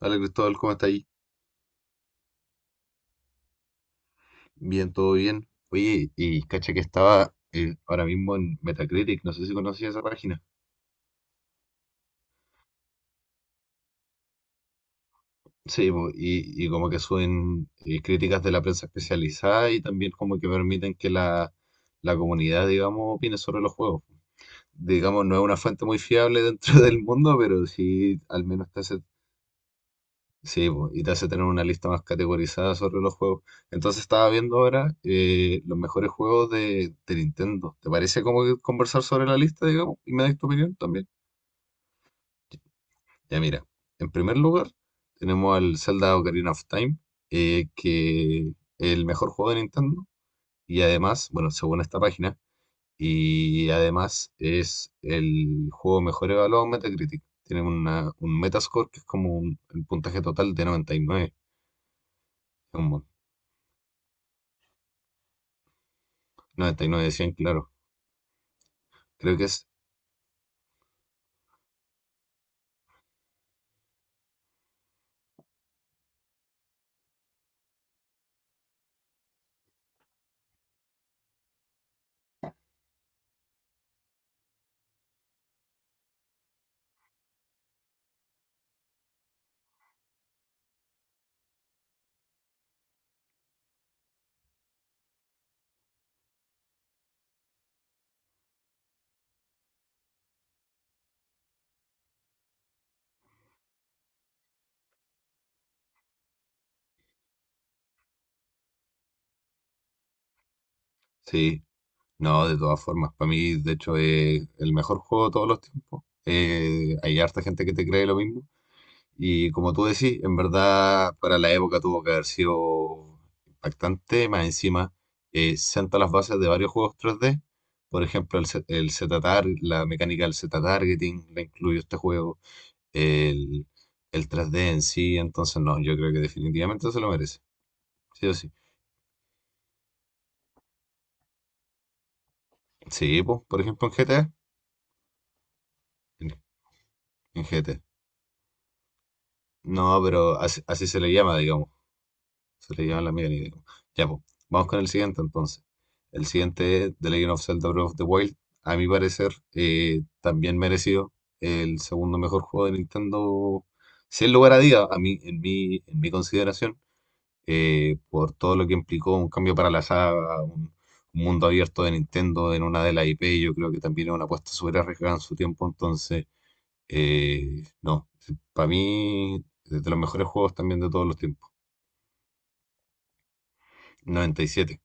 Hola Cristóbal, ¿cómo está ahí? Bien, todo bien. Oye, y cacha que estaba ahora mismo en Metacritic, no sé si conocías esa página. Sí, po, y como que suben críticas de la prensa especializada y también como que permiten que la comunidad, digamos, opine sobre los juegos. Digamos, no es una fuente muy fiable dentro del mundo, pero sí al menos te hace. Sí, po, y te hace tener una lista más categorizada sobre los juegos. Entonces estaba viendo ahora los mejores juegos de Nintendo. ¿Te parece como que conversar sobre la lista, digamos? Y me das tu opinión también. Ya, mira, en primer lugar tenemos al Zelda Ocarina of Time, que es el mejor juego de Nintendo. Y además, bueno, según esta página, y además es el juego mejor evaluado en Metacritic. Tiene una, un Metascore que es como un, el puntaje total de 99. Es un montón, 99 de 100, claro. Creo que es. Sí. No, de todas formas. Para mí, de hecho, es el mejor juego de todos los tiempos. Hay harta gente que te cree lo mismo. Y como tú decís, en verdad, para la época tuvo que haber sido impactante. Más encima, senta las bases de varios juegos 3D. Por ejemplo, el, Z- el Z-Tar- la mecánica del Z-Targeting la incluyó este juego. El, el 3D en sí. Entonces, no, yo creo que definitivamente se lo merece. Sí o sí. Sí, pues, por ejemplo, en GTA. En, en GT. No, pero así, así se le llama, digamos. Se le llama la mía, digamos. Ya, pues. Vamos con el siguiente entonces. El siguiente es The Legend of Zelda Breath of the Wild. A mi parecer, también merecido el segundo mejor juego de Nintendo, sin lugar a duda, a mí, en mi consideración, por todo lo que implicó un cambio para la saga, un mundo abierto de Nintendo en una de las IP, yo creo que también es una apuesta súper arriesgada en su tiempo, entonces. No, para mí, de los mejores juegos también de todos los tiempos. Noventa y siete.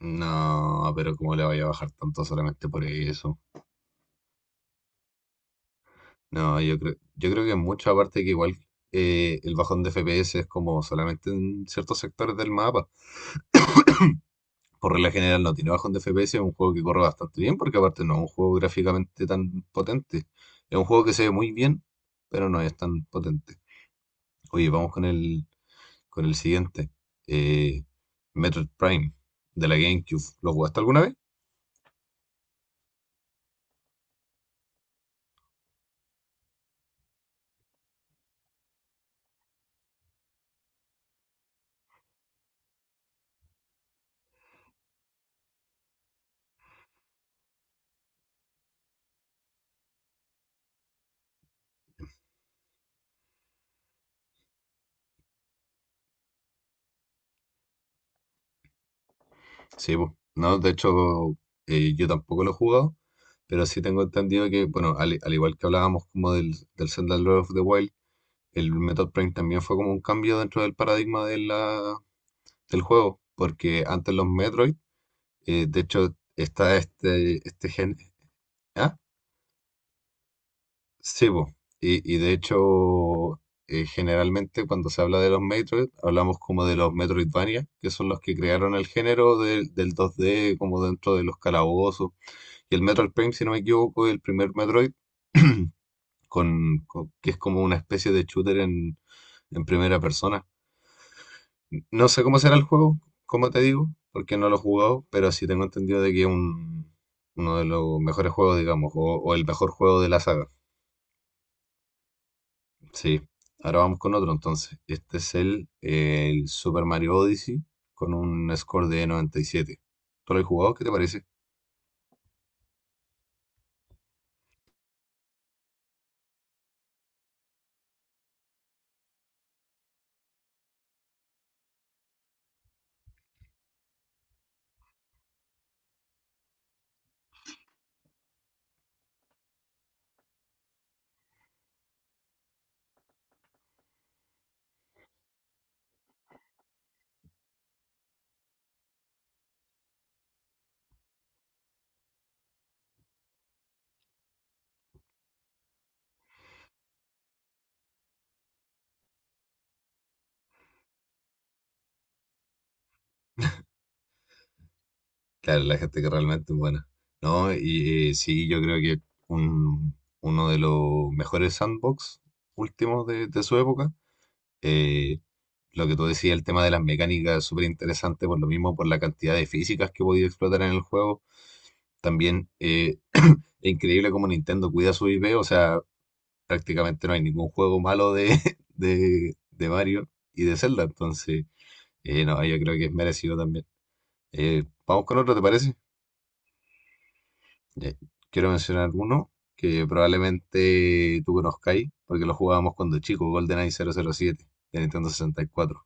No, pero ¿cómo le vaya a bajar tanto solamente por eso? No, yo creo que mucho, aparte que igual el bajón de FPS es como solamente en ciertos sectores del mapa. Por regla general no tiene bajón de FPS, es un juego que corre bastante bien, porque aparte no es un juego gráficamente tan potente. Es un juego que se ve muy bien, pero no es tan potente. Oye, vamos con el siguiente. Eh, Metroid Prime de la GameCube. ¿Lo jugaste alguna vez? Sí, pues. No, de hecho, yo tampoco lo he jugado, pero sí tengo entendido que, bueno, al, al igual que hablábamos como del Zelda Breath of the Wild, el Metroid Prime también fue como un cambio dentro del paradigma de del juego, porque antes los Metroid, de hecho, está este gen... ¿Ah? Sí, po. Y de hecho, generalmente cuando se habla de los Metroid, hablamos como de los Metroidvania, que son los que crearon el género del 2D, como dentro de los calabozos. Y el Metroid Prime, si no me equivoco, es el primer Metroid, que es como una especie de shooter en primera persona. No sé cómo será el juego, como te digo, porque no lo he jugado, pero sí tengo entendido de que es un, uno de los mejores juegos, digamos, o el mejor juego de la saga. Sí, ahora vamos con otro entonces. Este es el Super Mario Odyssey con un score de 97. ¿Tú lo has jugado? ¿Qué te parece? Claro, la gente que realmente es buena. No, y sí, yo creo que un- uno de los mejores sandbox últimos de su época. Eh, lo que tú decías, el tema de las mecánicas es súper interesante, por lo mismo, por la cantidad de físicas que podía explotar en el juego. También es increíble cómo Nintendo cuida su IP, o sea, prácticamente no hay ningún juego malo de, de Mario y de Zelda, entonces, no, yo creo que es merecido también. Vamos con otro, ¿te parece? Ya, quiero mencionar uno que probablemente tú conozcáis, porque lo jugábamos cuando chico, GoldenEye 007 de Nintendo 64.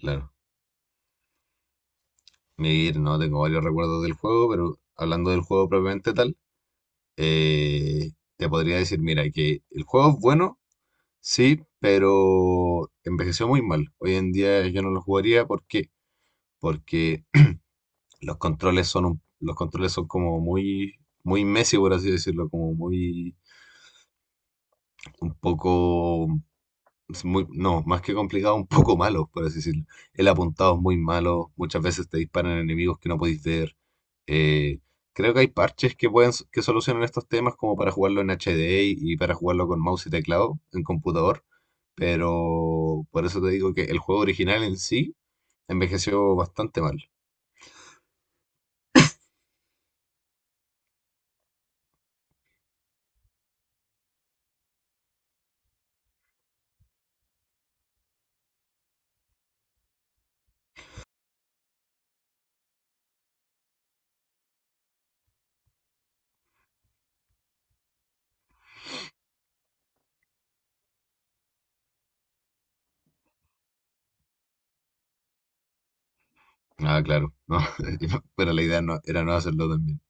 Claro. Mir, no tengo varios recuerdos del juego, pero hablando del juego propiamente tal, te podría decir, mira, que el juego es bueno. Sí, pero envejeció muy mal. Hoy en día yo no lo jugaría. ¿Por qué? Porque los controles son como muy, muy Messi, por así decirlo, como muy un poco, es muy, no, más que complicado, un poco malo, por así decirlo. El apuntado es muy malo, muchas veces te disparan enemigos que no podéis ver. Eh, creo que hay parches que pueden, que solucionan estos temas como para jugarlo en HD y para jugarlo con mouse y teclado en computador, pero por eso te digo que el juego original en sí envejeció bastante mal. Ah, claro, no, pero la idea no, era no hacerlo también.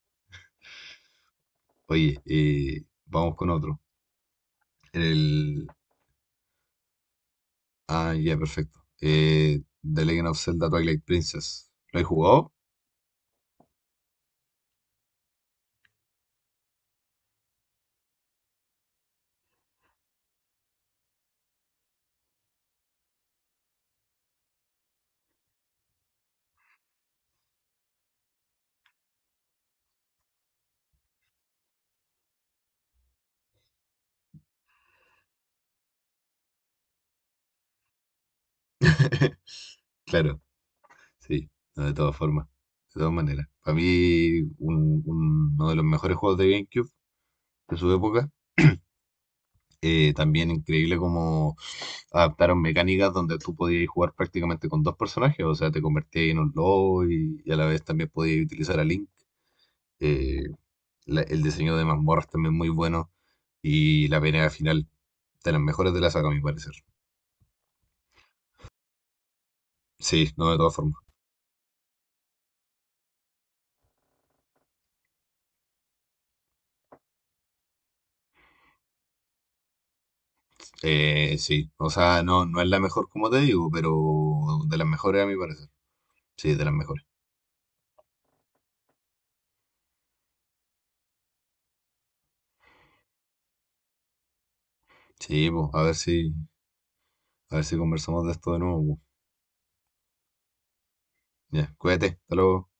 Oye, vamos con otro. El, ah, ya, perfecto. The Legend of Zelda Twilight Princess. ¿Lo he jugado? Claro, sí, no, de todas formas, de todas maneras. Para mí, uno de los mejores juegos de GameCube de su época. También increíble cómo adaptaron mecánicas donde tú podías jugar prácticamente con dos personajes, o sea, te convertías en un lobo y a la vez también podías utilizar a Link. Eh, el diseño de mazmorras también muy bueno y la pelea final, de las mejores de la saga, a mi parecer. Sí, no, de todas formas. Sí, o sea, no, no es la mejor como te digo, pero de las mejores a mi parecer. Sí, de las mejores. Sí, pues, a ver si conversamos de esto de nuevo, po. Ya, cuídate, hasta luego.